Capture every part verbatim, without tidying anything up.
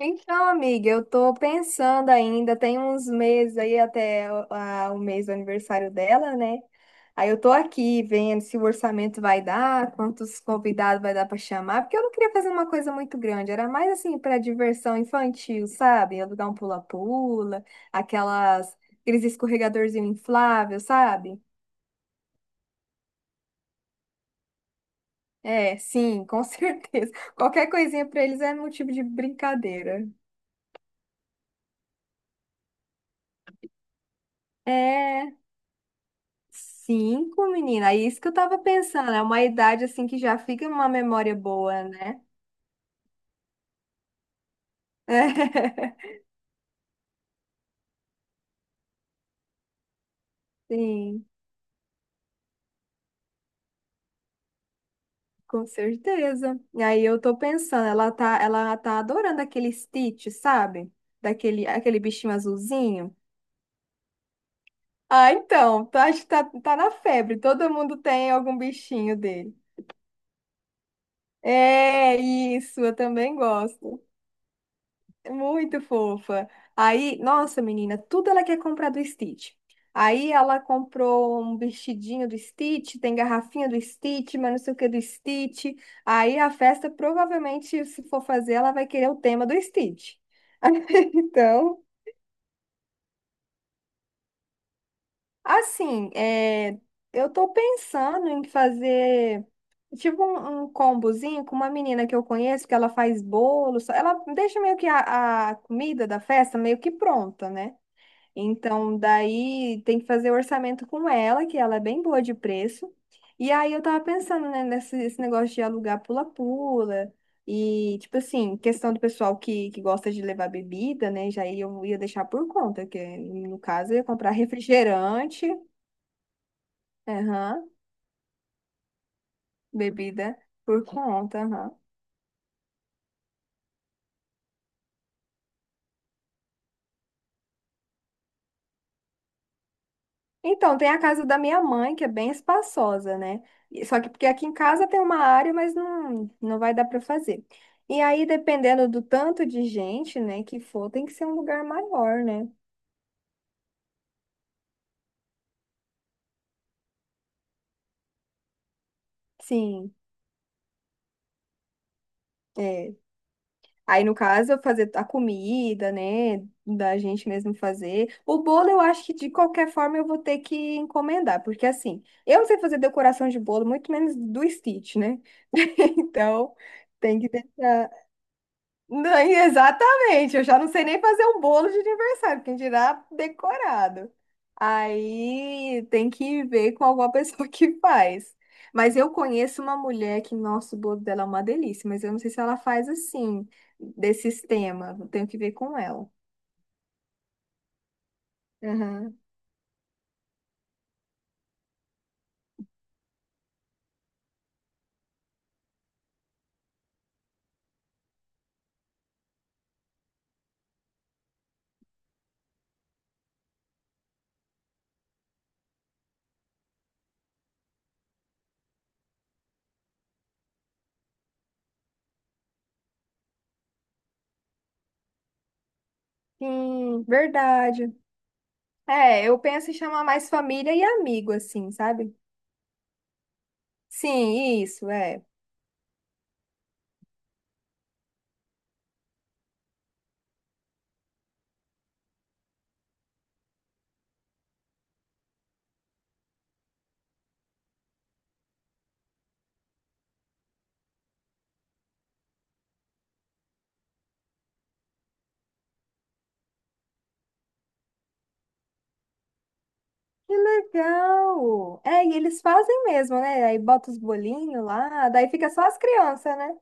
Então, amiga, eu tô pensando ainda, tem uns meses aí até o a- o mês do aniversário dela, né? Aí eu tô aqui vendo se o orçamento vai dar, quantos convidados vai dar pra chamar, porque eu não queria fazer uma coisa muito grande, era mais assim pra diversão infantil, sabe? Alugar um pula-pula, aquelas, aqueles escorregadorzinho infláveis sabe? É, sim, com certeza. Qualquer coisinha pra eles é motivo de brincadeira. É. Cinco, menina, é isso que eu tava pensando. É uma idade assim que já fica uma memória boa, né? Sim, com certeza. E aí eu tô pensando, ela tá, ela tá adorando aquele Stitch, sabe? Daquele, aquele bichinho azulzinho. Ah, então, tá, acho que tá, tá na febre. Todo mundo tem algum bichinho dele. É isso, eu também gosto. Muito fofa. Aí, nossa, menina, tudo ela quer comprar do Stitch. Aí ela comprou um vestidinho do Stitch, tem garrafinha do Stitch, mas não sei o que do Stitch. Aí a festa, provavelmente, se for fazer, ela vai querer o tema do Stitch. Então, assim, é, eu tô pensando em fazer tipo um, um combozinho com uma menina que eu conheço, que ela faz bolo, só- ela deixa meio que a a comida da festa meio que pronta, né? Então, daí tem que fazer orçamento com ela, que ela é bem boa de preço. E aí eu tava pensando, né, nesse esse negócio de alugar pula-pula. E, tipo assim, questão do pessoal que, que gosta de levar bebida, né? Já aí eu ia deixar por conta, que no caso eu ia comprar refrigerante, aham, bebida por conta, aham. Então, tem a casa da minha mãe, que é bem espaçosa, né? E só que porque aqui em casa tem uma área, mas não, não vai dar para fazer. E aí, dependendo do tanto de gente, né, que for, tem que ser um lugar maior, né? Sim, é. Aí, no caso, eu fazer a comida, né, da gente mesmo fazer. O bolo, eu acho que de qualquer forma eu vou ter que encomendar, porque assim, eu não sei fazer decoração de bolo, muito menos do Stitch, né? Então, tem que deixar. Não, exatamente, eu já não sei nem fazer um bolo de aniversário, quem dirá decorado. Aí tem que ver com alguma pessoa que faz. Mas eu conheço uma mulher que, nossa, o bolo dela é uma delícia, mas eu não sei se ela faz assim, desse sistema. Eu tenho que ver com ela. Aham. Sim, verdade. É, eu penso em chamar mais família e amigo, assim, sabe? Sim, isso, é. Que legal! É, e eles fazem mesmo, né? Aí bota os bolinhos lá, daí fica só as crianças, né?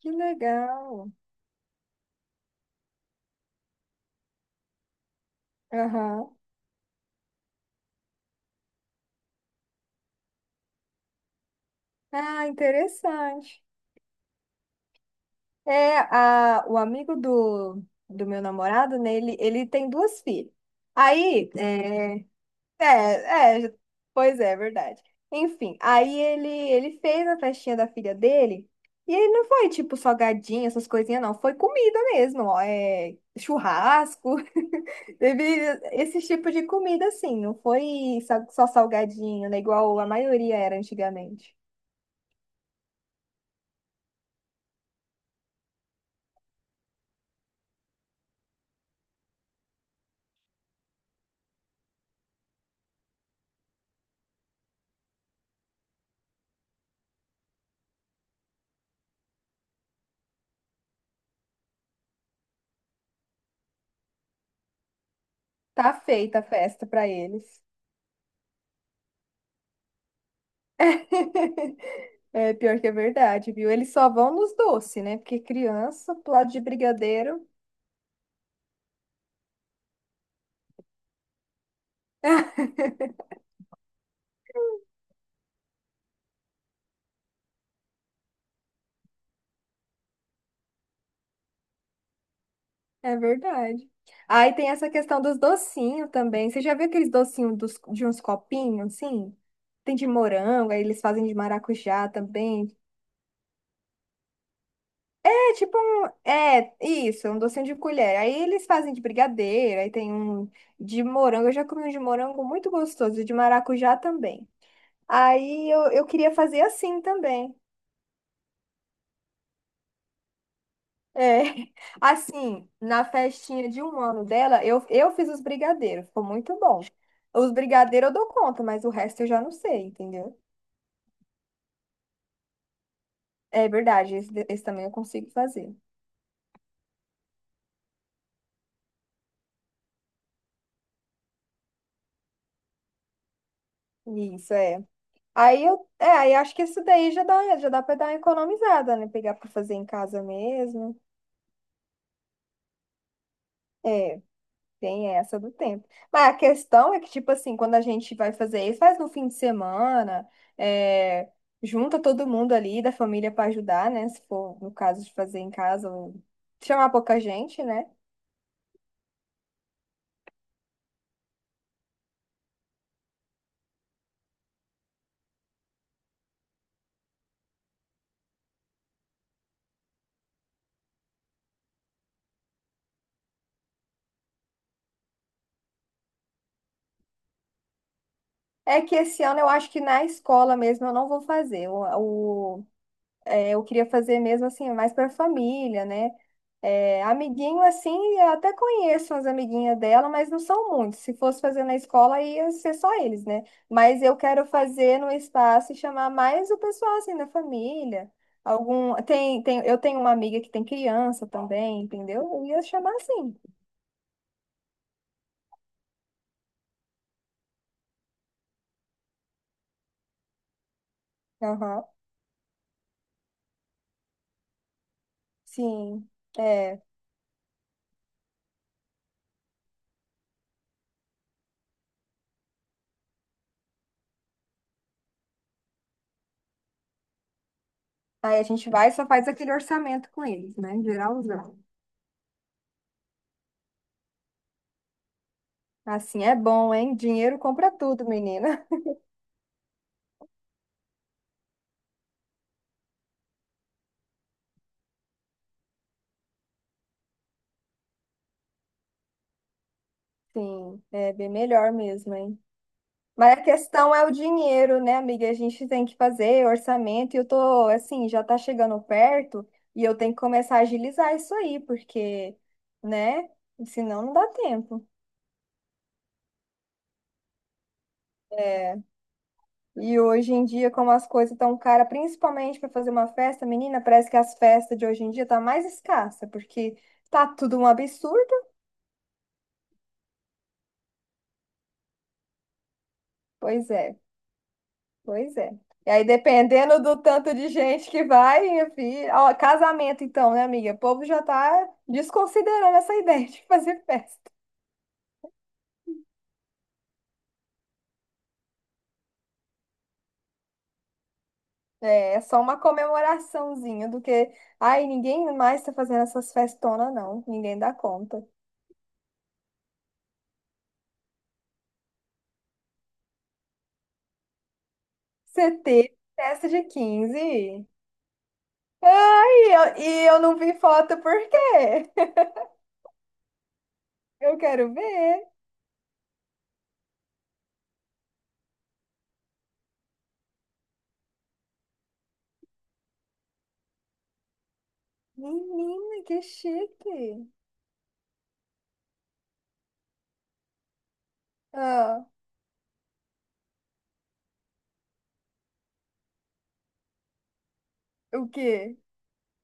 Que legal! Aham. Ah, interessante. É, a, o amigo do, do meu namorado, né? Ele, ele tem duas filhas. Aí, é, é, é, pois é, é verdade. Enfim, aí ele, ele fez a festinha da filha dele, e ele não foi tipo salgadinho, essas coisinhas, não. Foi comida mesmo, ó, é, churrasco, teve esse tipo de comida, assim, não foi sa- só salgadinho, né? Igual a maioria era antigamente. Tá feita a festa pra eles. É pior que é verdade, viu? Eles só vão nos doces, né? Porque criança, pro lado de brigadeiro. É verdade. Aí tem essa questão dos docinhos também. Você já viu aqueles docinhos dos, de uns copinhos, assim? Tem de morango, aí eles fazem de maracujá também. É tipo um. É, isso, um docinho de colher. Aí eles fazem de brigadeiro, aí tem um de morango. Eu já comi um de morango muito gostoso, e de maracujá também. Aí eu, eu queria fazer assim também. É, assim, na festinha de um ano dela, eu, eu fiz os brigadeiros, ficou muito bom. Os brigadeiros eu dou conta, mas o resto eu já não sei, entendeu? É verdade, esse, de- esse também eu consigo fazer. Isso, é. Aí eu, é, aí acho que isso daí já dá, já dá pra dar uma economizada, né? Pegar pra fazer em casa mesmo. É. Tem essa do tempo. Mas a questão é que, tipo assim, quando a gente vai fazer isso, faz no fim de semana, é, junta todo mundo ali da família para ajudar, né? Se for no caso de fazer em casa, ou chamar pouca gente, né? É que esse ano eu acho que na escola mesmo eu não vou fazer. O, o- é, eu queria fazer mesmo assim, mais para família, né? É, amiguinho, assim, eu até conheço umas amiguinhas dela, mas não são muitos. Se fosse fazer na escola, ia ser só eles, né? Mas eu quero fazer no espaço e chamar mais o pessoal, assim, da família. Algum. Tem, tem. Eu tenho uma amiga que tem criança também, entendeu? Eu ia chamar assim. Aham, sim. É. Aí a gente vai e só faz aquele orçamento com eles, né? Geralzão. Assim é bom, hein? Dinheiro compra tudo, menina. Sim, é bem melhor mesmo, hein? Mas a questão é o dinheiro, né, amiga? A gente tem que fazer orçamento e eu tô, assim, já tá chegando perto e eu tenho que começar a agilizar isso aí, porque, né, senão não dá tempo. É, e hoje em dia, como as coisas estão caras, principalmente para fazer uma festa, menina, parece que as festas de hoje em dia tá mais escassa, porque tá tudo um absurdo. Pois é. Pois é. E aí, dependendo do tanto de gente que vai, minha filha. Ó, casamento, então, né, amiga? O povo já tá desconsiderando essa ideia de fazer festa. É, é só uma comemoraçãozinha do que. Ai, ninguém mais tá fazendo essas festonas, não. Ninguém dá conta. Você teve festa de quinze? Ai, eu- e eu não vi foto, por quê? Eu quero ver. Menina, que chique. Ah, o quê?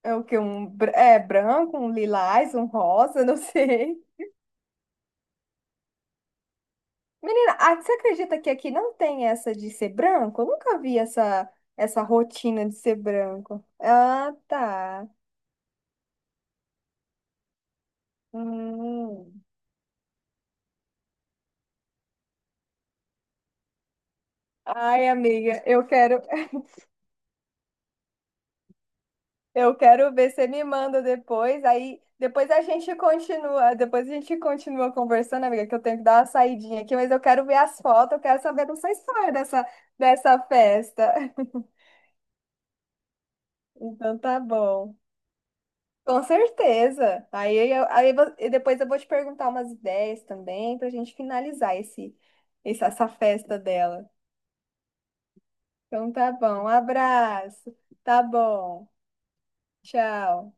É o que um br- é branco, um lilás, um rosa, não sei. Menina, ah, você acredita que aqui não tem essa de ser branco? Eu nunca vi essa, essa, rotina de ser branco. Ah, tá. Hum. Ai, amiga, eu quero, eu quero ver, você me manda depois, aí depois a gente continua, depois a gente continua conversando, amiga, que eu tenho que dar uma saidinha aqui, mas eu quero ver as fotos, eu quero saber dessa história dessa, dessa, festa. Então tá bom. Com certeza. Aí, eu- aí, vo- e depois eu vou te perguntar umas ideias também pra gente finalizar esse, esse- essa festa dela. Então tá bom. Um abraço. Tá bom. Tchau.